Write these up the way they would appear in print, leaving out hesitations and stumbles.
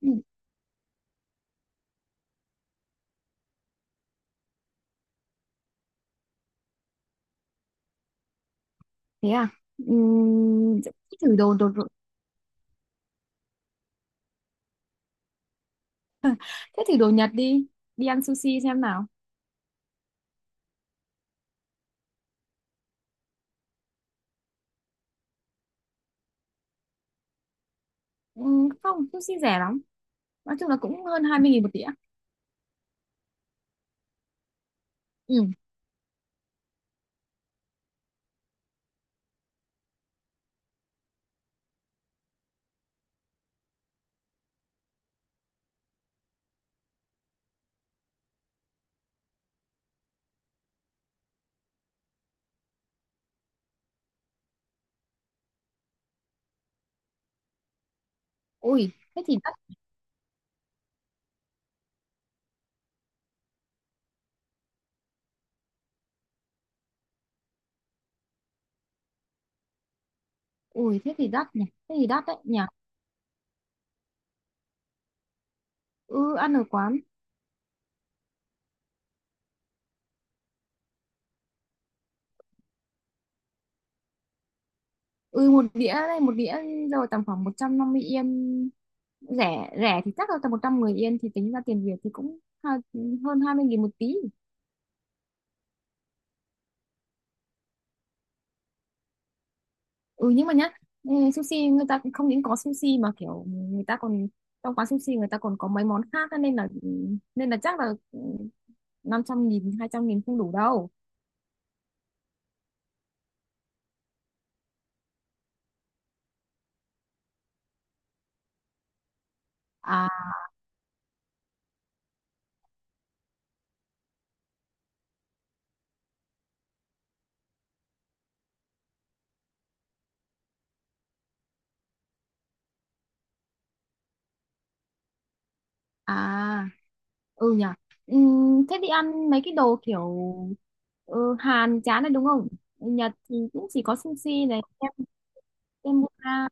Ừ, thế à. Ừm, thử đồ, đồ đồ- Thế thử đồ Nhật đi, đi ăn sushi xem nào. Không, sushi rẻ lắm, nói chung là cũng hơn 20.000 một đĩa. Ừ. Ui thế thì đắt. Ui thế thì đắt nhỉ, thế thì đắt đấy nhỉ. Ừ, ăn ở quán. Ừ, một đĩa đây, một đĩa rồi tầm khoảng 150 yên, rẻ rẻ thì chắc là tầm 110 yên, thì tính ra tiền Việt thì cũng hơn 20.000 một tí. Ừ nhưng mà nhá, ừ, sushi người ta cũng không những có sushi mà kiểu người ta còn, trong quán sushi người ta còn có mấy món khác á, nên là ừ, nên là chắc là ừ, 500.000, 200.000 không đủ đâu. À, à, ừ nhỉ. Ừ, thế đi ăn mấy cái đồ kiểu, ừ, Hàn chán này đúng không. Nhật thì cũng chỉ có sushi này, tempura.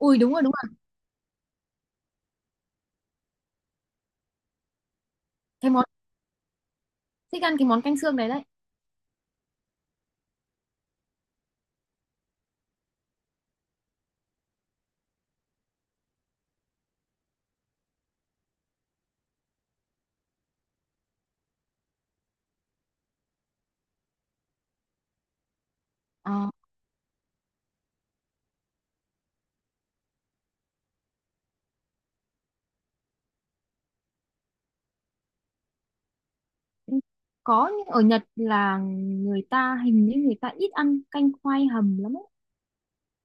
Ui đúng rồi đúng rồi. Cái món, thích ăn cái món canh xương này đấy. Ờ, ừ, có nhưng ở Nhật là người ta hình như người ta ít ăn canh khoai hầm lắm.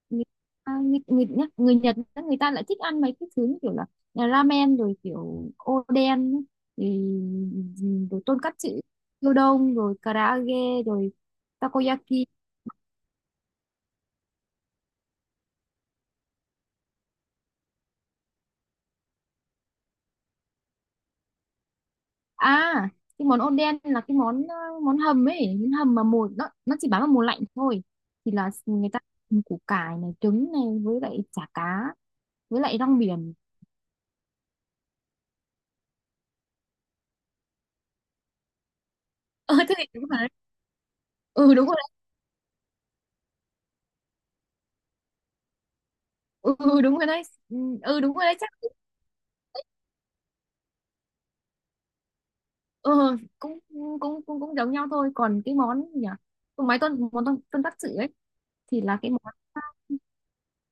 Người, à, người, người, nhá- Người Nhật á, người ta lại thích ăn mấy cái thứ như kiểu là ramen, rồi kiểu oden á, thì rồi tonkatsu, gyudon, rồi karaage, rồi takoyaki. À cái món oden là cái món món hầm ấy, món hầm mà mùa nó chỉ bán vào mùa lạnh thôi, thì là người ta hầm củ cải này, trứng này, với lại chả cá, với lại rong biển. Ừ thế thì đúng rồi đấy. Ừ đúng rồi đấy. Ừ đúng rồi đấy. Ừ đúng rồi đấy chắc. Ờ, cũng cũng cũng cũng giống nhau thôi, còn cái món gì nhỉ? Còn mấy món con tắc sự ấy, thì là cái món,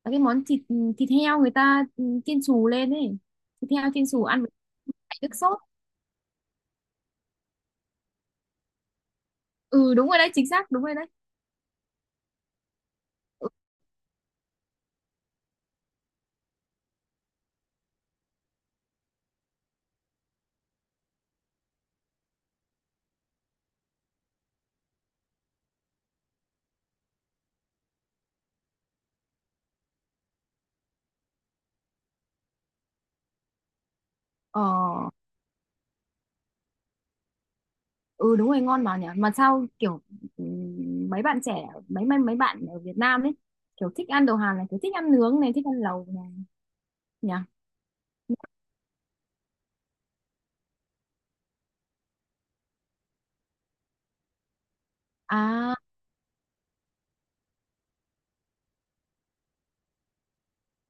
là cái món thịt, thịt heo người ta chiên xù lên ấy, thịt heo chiên xù ăn với lại nước sốt. Ừ đúng rồi đấy chính xác, đúng rồi đấy. Ừ, ờ, ừ đúng rồi ngon mà nhỉ, mà sao kiểu, ừ, mấy bạn trẻ, mấy mấy mấy bạn ở Việt Nam ấy kiểu thích ăn đồ Hàn này, kiểu thích ăn nướng này, thích ăn lẩu này nhỉ. À,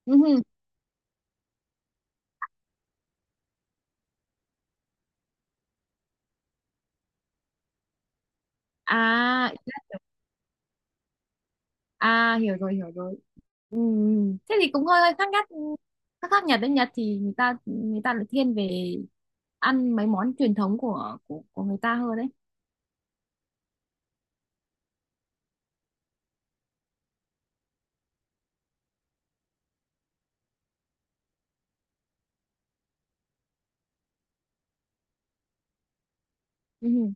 ừ, à, à hiểu rồi hiểu rồi. Ừ. Thế thì cũng hơi hơi khác nhất, khác, Nhật đấy. Nhật thì người ta, lại thiên về ăn mấy món truyền thống của của người ta hơn đấy. Ừ.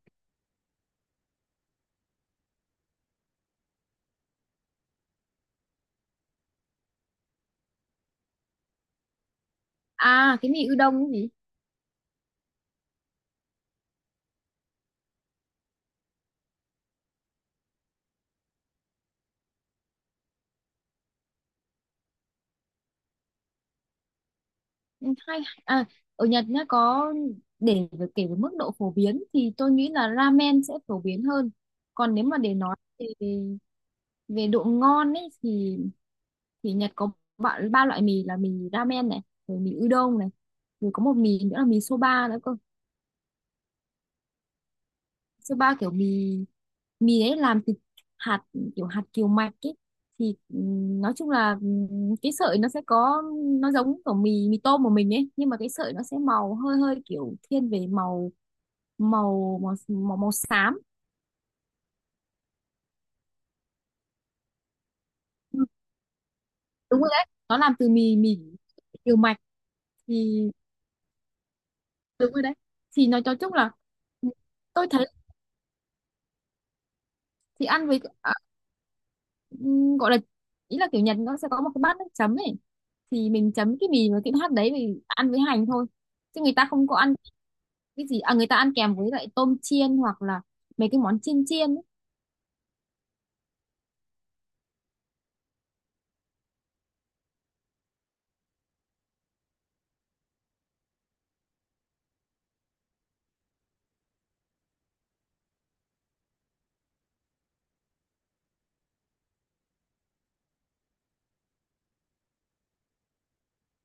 À cái mì udon cái gì. Ừ, hay, à, ở Nhật nhá, có kể về mức độ phổ biến thì tôi nghĩ là ramen sẽ phổ biến hơn, còn nếu mà để nói về về độ ngon ấy thì Nhật có ba, loại mì là mì ramen này, rồi mì udon này, rồi có một mì nữa là mì soba nữa cơ. Soba kiểu mì, đấy làm từ hạt, kiểu hạt kiều mạch ấy, thì nói chung là cái sợi nó sẽ có, nó giống kiểu mì mì tôm của mình ấy, nhưng mà cái sợi nó sẽ màu hơi hơi kiểu thiên về màu, màu xám. Ừ, đúng rồi đấy nó làm từ mì mì kiều mạch. Thì đúng rồi đấy, thì nói cho chung là tôi thấy, thì ăn với gọi là ý là kiểu Nhật nó sẽ có một cái bát nước chấm ấy, thì mình chấm cái mì với cái hạt đấy thì ăn với hành thôi, chứ người ta không có ăn cái gì, à người ta ăn kèm với lại tôm chiên hoặc là mấy cái món chiên chiên ấy.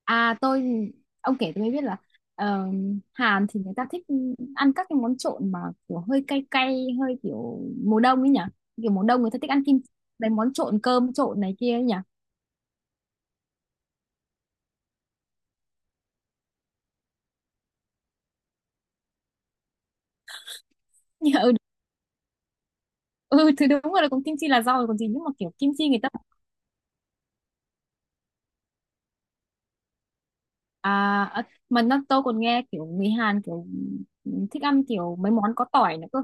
À tôi, ông kể tôi mới biết là, ờ, Hàn thì người ta thích ăn các cái món trộn mà kiểu hơi cay cay hơi kiểu mùa đông ấy nhỉ, kiểu mùa đông người ta thích ăn mấy món trộn cơm trộn này kia ấy nhỉ. Ừ, ừ thì đúng rồi là cũng kim chi là rau rồi còn gì, nhưng mà kiểu kim chi người ta, à ờ, mà nó tôi còn nghe kiểu người Hàn kiểu thích ăn kiểu mấy món có tỏi nữa cơ.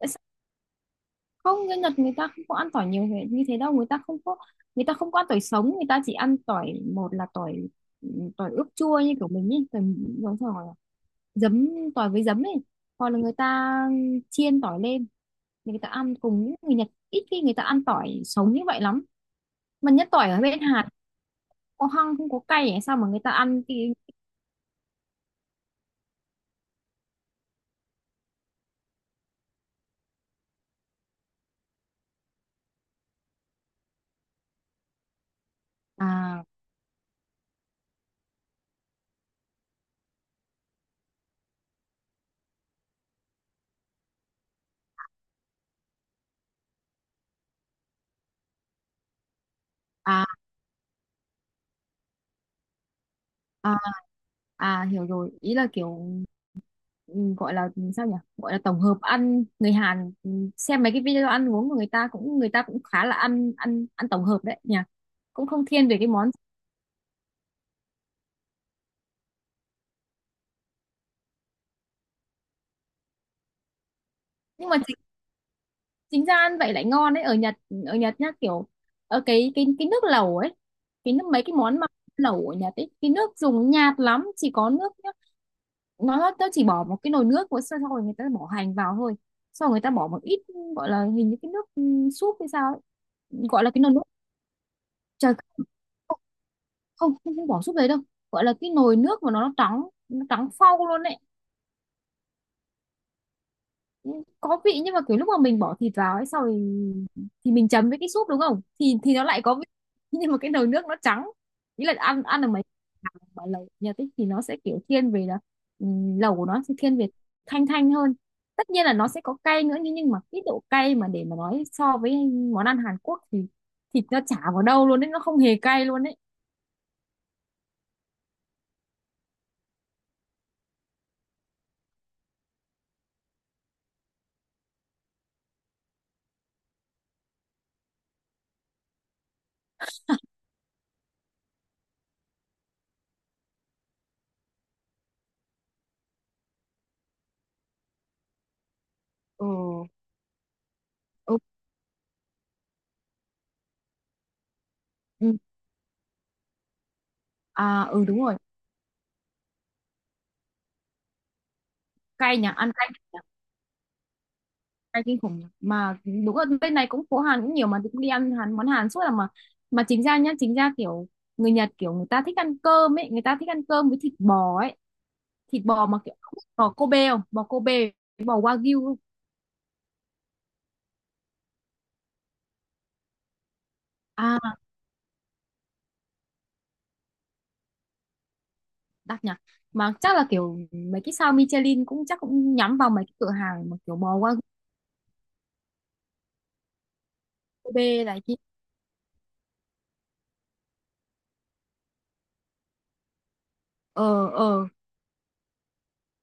Không, người Nhật người ta không có ăn tỏi nhiều như thế đâu, người ta không có, người ta không có ăn tỏi sống, người ta chỉ ăn tỏi, một là tỏi, tỏi ướp chua như kiểu mình ấy, tỏi giống tỏi giấm, tỏi với giấm ấy, hoặc là người ta chiên tỏi lên thì người ta ăn cùng. Những người Nhật ít khi người ta ăn tỏi sống như vậy lắm, mà nhất tỏi ở bên Hàn có hăng không, có cay ấy, sao mà người ta ăn cái, à, à, à hiểu rồi, ý là kiểu, ừ, gọi là sao nhỉ, gọi là tổng hợp ăn, người Hàn ừ, xem mấy cái video ăn uống của người ta cũng, người ta cũng khá là ăn, ăn ăn tổng hợp đấy nhỉ, cũng không thiên về cái món. nhưng mà chính, Chính ra ăn vậy lại ngon đấy, ở Nhật, ở Nhật nhá kiểu, ở cái nước lẩu ấy, cái nước mấy cái món mà lẩu ở Nhật ấy, cái nước dùng nhạt lắm, chỉ có nước nhá. Nó chỉ bỏ một cái nồi nước của, xong rồi người ta bỏ hành vào thôi, sau rồi người ta bỏ một ít, gọi là hình như cái nước, ừ, súp hay sao ấy. Gọi là cái nồi nước, trời, không, không bỏ súp đấy đâu, gọi là cái nồi nước mà nó trắng, nó trắng phau luôn đấy. Có vị nhưng mà kiểu lúc mà mình bỏ thịt vào ấy sau thì mình chấm với cái súp đúng không thì nó lại có vị. Nhưng mà cái nồi nước nó trắng, ý là ăn, được mấy hàng mà lẩu nhà tích thì nó sẽ kiểu thiên về là lẩu của nó sẽ thiên về thanh thanh hơn. Tất nhiên là nó sẽ có cay nữa, nhưng mà cái độ cay mà để mà nói so với món ăn Hàn Quốc thì thịt nó chả vào đâu luôn đấy, nó không hề cay luôn đấy. Ừ, ừ, ừ. À ừ đúng rồi. Cay nhỉ, ăn cay nhỉ? Cay kinh khủng nhỉ? Mà đúng là bên này cũng phố Hàn cũng nhiều mà, cũng đi ăn Hàn món Hàn suốt là mà chính ra nhá, chính ra kiểu người Nhật kiểu người ta thích ăn cơm ấy, người ta thích ăn cơm với thịt bò ấy, thịt bò mà kiểu không biết bò Kobe không, bò Kobe, bò Wagyu không? À, đắt nhỉ. Mà chắc là kiểu mấy cái sao Michelin cũng chắc cũng nhắm vào mấy cái cửa hàng mà kiểu bò Wagyu, Kobe này kia. Ờ ờ.